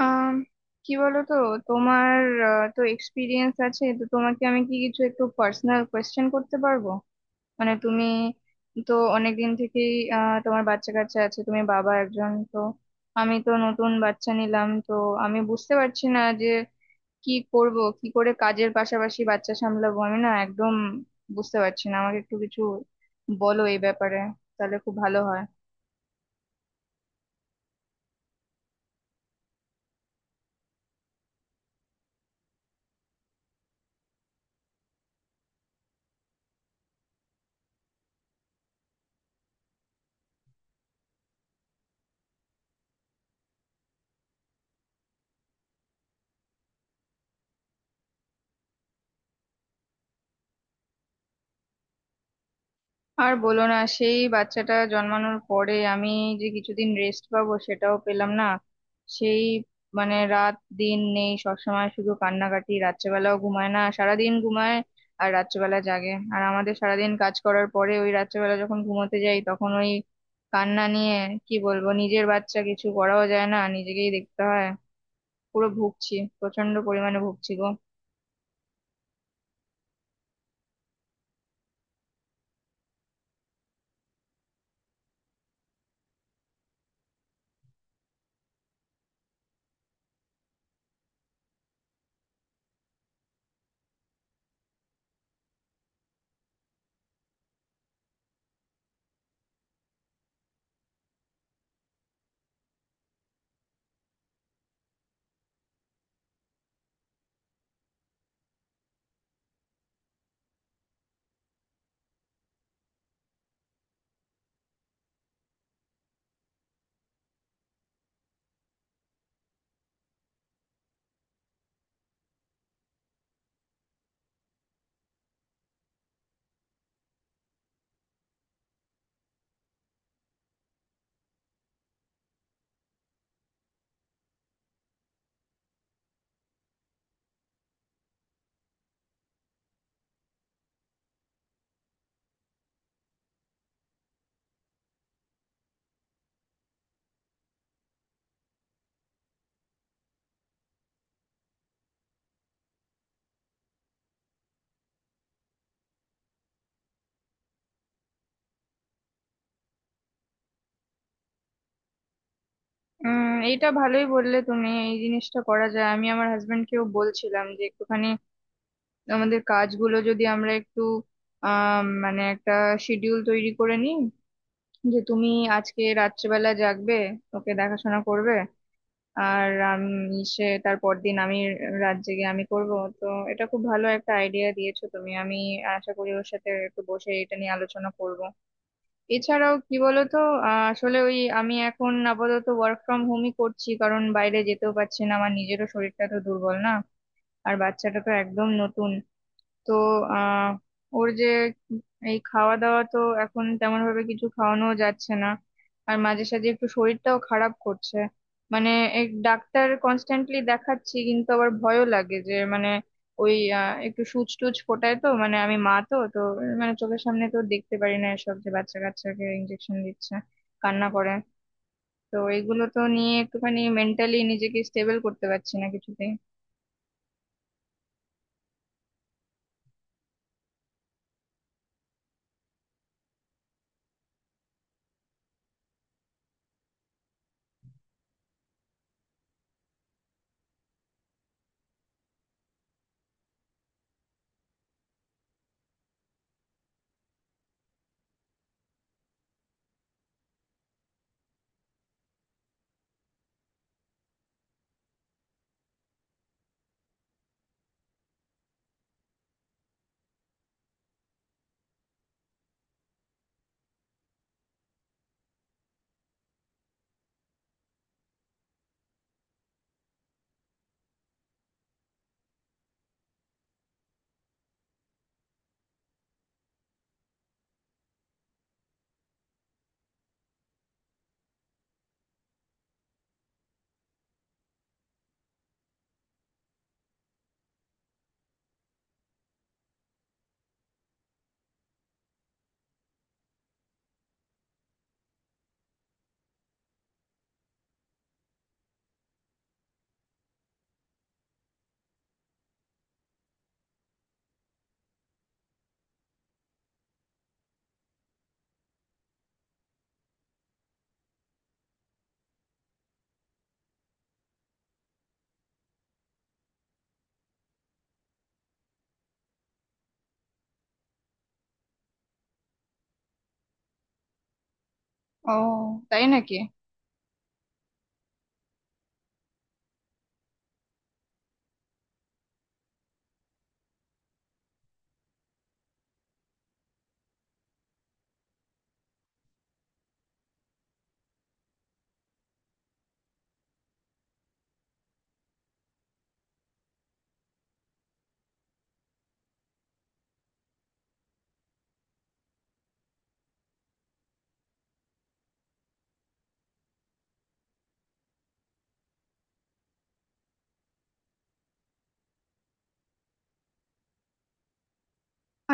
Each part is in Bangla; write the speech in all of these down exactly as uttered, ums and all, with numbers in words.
আম, কি বলো তো? তোমার আহ, তো এক্সপিরিয়েন্স আছে, তো তোমাকে আমি কি কিছু একটু পার্সোনাল কোয়েশ্চেন করতে পারবো? মানে তুমি তো অনেকদিন থেকেই আহ, তোমার বাচ্চা কাচ্চা আছে, তুমি বাবা একজন তো। আমি তো নতুন বাচ্চা নিলাম, তো আমি বুঝতে পারছি না যে কি করব, কি করে কাজের পাশাপাশি বাচ্চা সামলাবো। আমি না একদম বুঝতে পারছি না, আমাকে একটু কিছু বলো এই ব্যাপারে, তাহলে খুব ভালো হয়। আর বলো না, সেই বাচ্চাটা জন্মানোর পরে আমি যে কিছুদিন রেস্ট পাবো সেটাও পেলাম না। সেই মানে রাত দিন নেই, সবসময় শুধু কান্নাকাটি, রাত্রেবেলাও ঘুমায় না, সারাদিন ঘুমায় আর রাত্রেবেলা জাগে। আর আমাদের সারাদিন কাজ করার পরে ওই রাত্রেবেলা যখন ঘুমোতে যাই তখন ওই কান্না নিয়ে কি বলবো, নিজের বাচ্চা কিছু করাও যায় না, নিজেকেই দেখতে হয়। পুরো ভুগছি, প্রচন্ড পরিমাণে ভুগছি গো। উম এইটা ভালোই বললে তুমি, এই জিনিসটা করা যায়। আমি আমার হাজবেন্ডকেও বলছিলাম যে একটুখানি আমাদের কাজগুলো যদি আমরা একটু আহ মানে একটা শিডিউল তৈরি করে নিই, যে তুমি আজকে রাত্রেবেলা জাগবে, ওকে দেখাশোনা করবে, আর আমি সে তারপর দিন আমি রাত জেগে আমি করব। তো এটা খুব ভালো একটা আইডিয়া দিয়েছো তুমি, আমি আশা করি ওর সাথে একটু বসে এটা নিয়ে আলোচনা করব। এছাড়াও কি বলতো, আহ, আসলে ওই আমি এখন আপাতত ওয়ার্ক ফ্রম হোমই করছি, কারণ বাইরে যেতেও পারছি না, আমার নিজেরও শরীরটা তো দুর্বল না। আর বাচ্চাটা তো একদম নতুন, তো আহ ওর যে এই খাওয়া দাওয়া তো এখন তেমন ভাবে কিছু খাওয়ানো যাচ্ছে না, আর মাঝে সাঝে একটু শরীরটাও খারাপ করছে। মানে এক ডাক্তার কনস্ট্যান্টলি দেখাচ্ছি, কিন্তু আবার ভয়ও লাগে যে মানে ওই আহ, একটু সুচ টুচ ফোটায় তো, মানে আমি মা তো তো মানে চোখের সামনে তো দেখতে পারি না এসব, যে বাচ্চা কাচ্চাকে ইনজেকশন দিচ্ছে, কান্না করে। তো এগুলো তো নিয়ে একটুখানি মেন্টালি নিজেকে স্টেবল করতে পারছি না কিছুতেই। ও, তাই নাকি?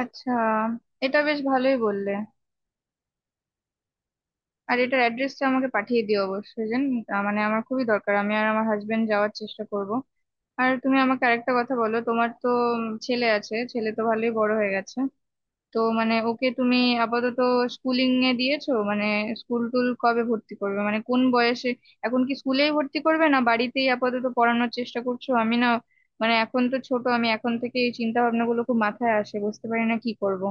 আচ্ছা, এটা বেশ ভালোই বললে। আর এটার অ্যাড্রেসটা আমাকে পাঠিয়ে দিও অবশ্যই, জান। আহ, মানে আমার খুবই দরকার, আমি আর আমার হাজবেন্ড যাওয়ার চেষ্টা করব। আর তুমি আমাকে আরেকটা কথা বলো, তোমার তো উম, ছেলে আছে, ছেলে তো ভালোই বড় হয়ে গেছে। তো মানে ওকে তুমি আপাতত স্কুলিং এ দিয়েছো? মানে স্কুল টুল কবে ভর্তি করবে, মানে কোন বয়সে? এখন কি স্কুলেই ভর্তি করবে, না বাড়িতেই আপাতত পড়ানোর চেষ্টা করছো? আমি না, মানে এখন তো ছোট, আমি এখন থেকে এই চিন্তা ভাবনাগুলো খুব মাথায় আসে, বুঝতে পারি না কি করব।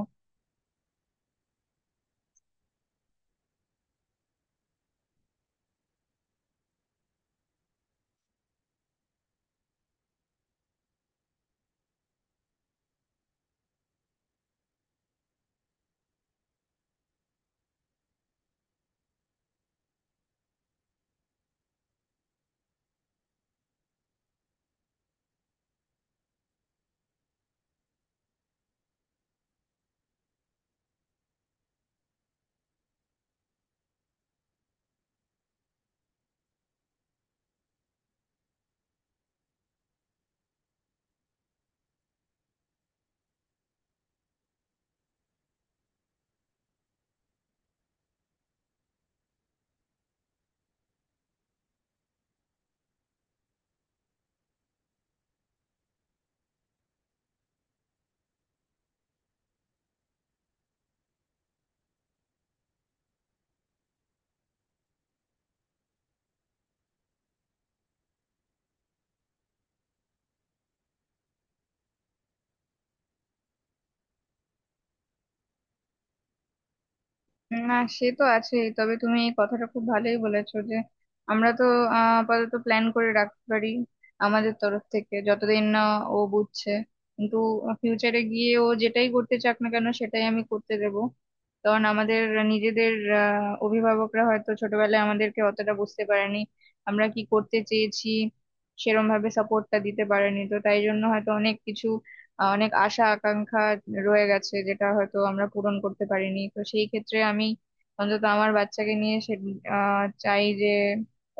না সে তো আছেই, তবে তুমি এই কথাটা খুব ভালোই বলেছো যে আমরা তো আহ, আপাতত প্ল্যান করে রাখতে পারি আমাদের তরফ থেকে, যতদিন না ও বুঝছে। কিন্তু ফিউচারে গিয়ে ও যেটাই করতে চাক না কেন সেটাই আমি করতে দেব। কারণ আমাদের নিজেদের আহ, অভিভাবকরা হয়তো ছোটবেলায় আমাদেরকে অতটা বুঝতে পারেনি আমরা কি করতে চেয়েছি, সেরম ভাবে সাপোর্টটা দিতে পারেনি, তো তাই জন্য হয়তো অনেক কিছু, আহ, অনেক আশা আকাঙ্ক্ষা রয়ে গেছে, যেটা হয়তো আমরা পূরণ করতে পারিনি। তো সেই ক্ষেত্রে আমি অন্তত আমার বাচ্চাকে নিয়ে সে আহ, চাই যে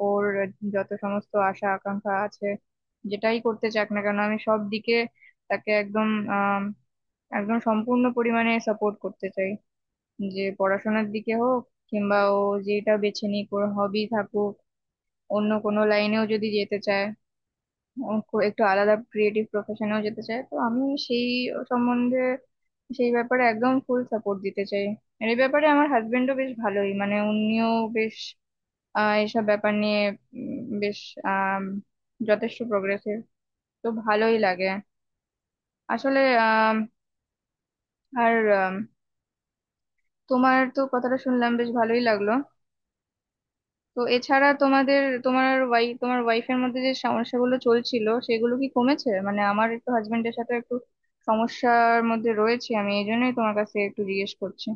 ওর যত সমস্ত আশা আকাঙ্ক্ষা আছে, যেটাই করতে চাক না কেন আমি সব দিকে তাকে একদম আহ একদম সম্পূর্ণ পরিমাণে সাপোর্ট করতে চাই। যে পড়াশোনার দিকে হোক, কিংবা ও যেটা বেছে নিক, ওর হবি থাকুক, অন্য কোনো লাইনেও যদি যেতে চায়, উম কো- একটু আলাদা ক্রিয়েটিভ প্রফেশনেও যেতে চায়, তো আমি সেই সম্বন্ধে, সেই ব্যাপারে একদম ফুল সাপোর্ট দিতে চাই। আর এই ব্যাপারে আমার হাজবেন্ডও বেশ ভালোই, মানে উনিও বেশ আহ এইসব ব্যাপার নিয়ে উম, বেশ আম, যথেষ্ট প্রগ্রেসিভ, তো ভালোই লাগে আসলে। আম, আর আম, তোমার তো কথাটা শুনলাম, বেশ ভালোই লাগলো। তো এছাড়া তোমাদের, তোমার ওয়াই তোমার ওয়াইফের মধ্যে যে সমস্যাগুলো চলছিল সেগুলো কি কমেছে? মানে আমার একটু হাজবেন্ডের সাথে একটু সমস্যার মধ্যে রয়েছে, আমি এই জন্যই তোমার কাছে একটু জিজ্ঞেস করছি।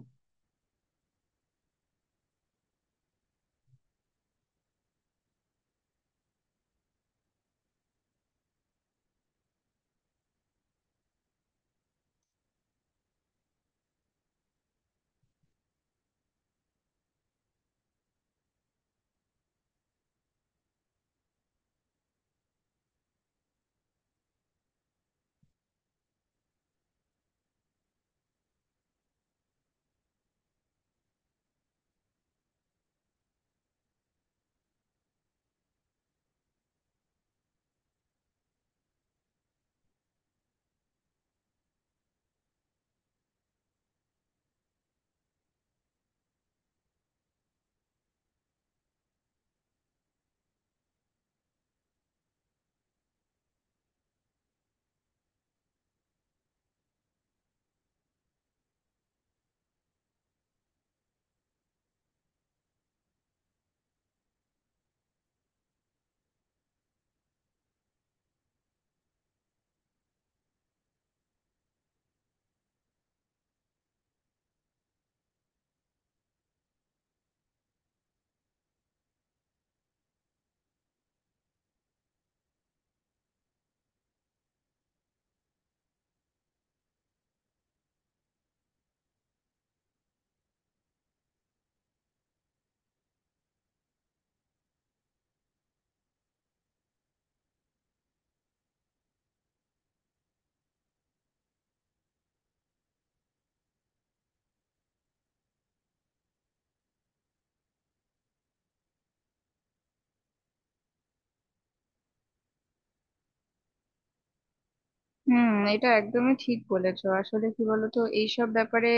হুম, এটা একদমই ঠিক বলেছো। আসলে কি বলতো, এইসব ব্যাপারে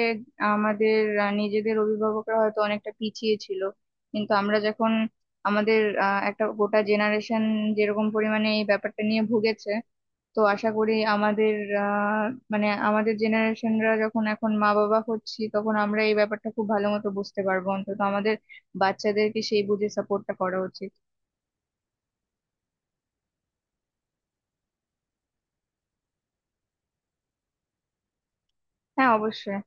আমাদের আহ, নিজেদের অভিভাবকরা হয়তো অনেকটা পিছিয়ে ছিল, কিন্তু আমরা যখন আমাদের আহ, একটা গোটা জেনারেশন যেরকম পরিমাণে এই ব্যাপারটা নিয়ে ভুগেছে, তো আশা করি আমাদের আহ মানে আমাদের জেনারেশনরা যখন এখন মা বাবা হচ্ছি তখন আমরা এই ব্যাপারটা খুব ভালো মতো বুঝতে পারবো। অন্তত আমাদের বাচ্চাদেরকে সেই বুঝে সাপোর্টটা করা উচিত। হ্যাঁ, অবশ্যই।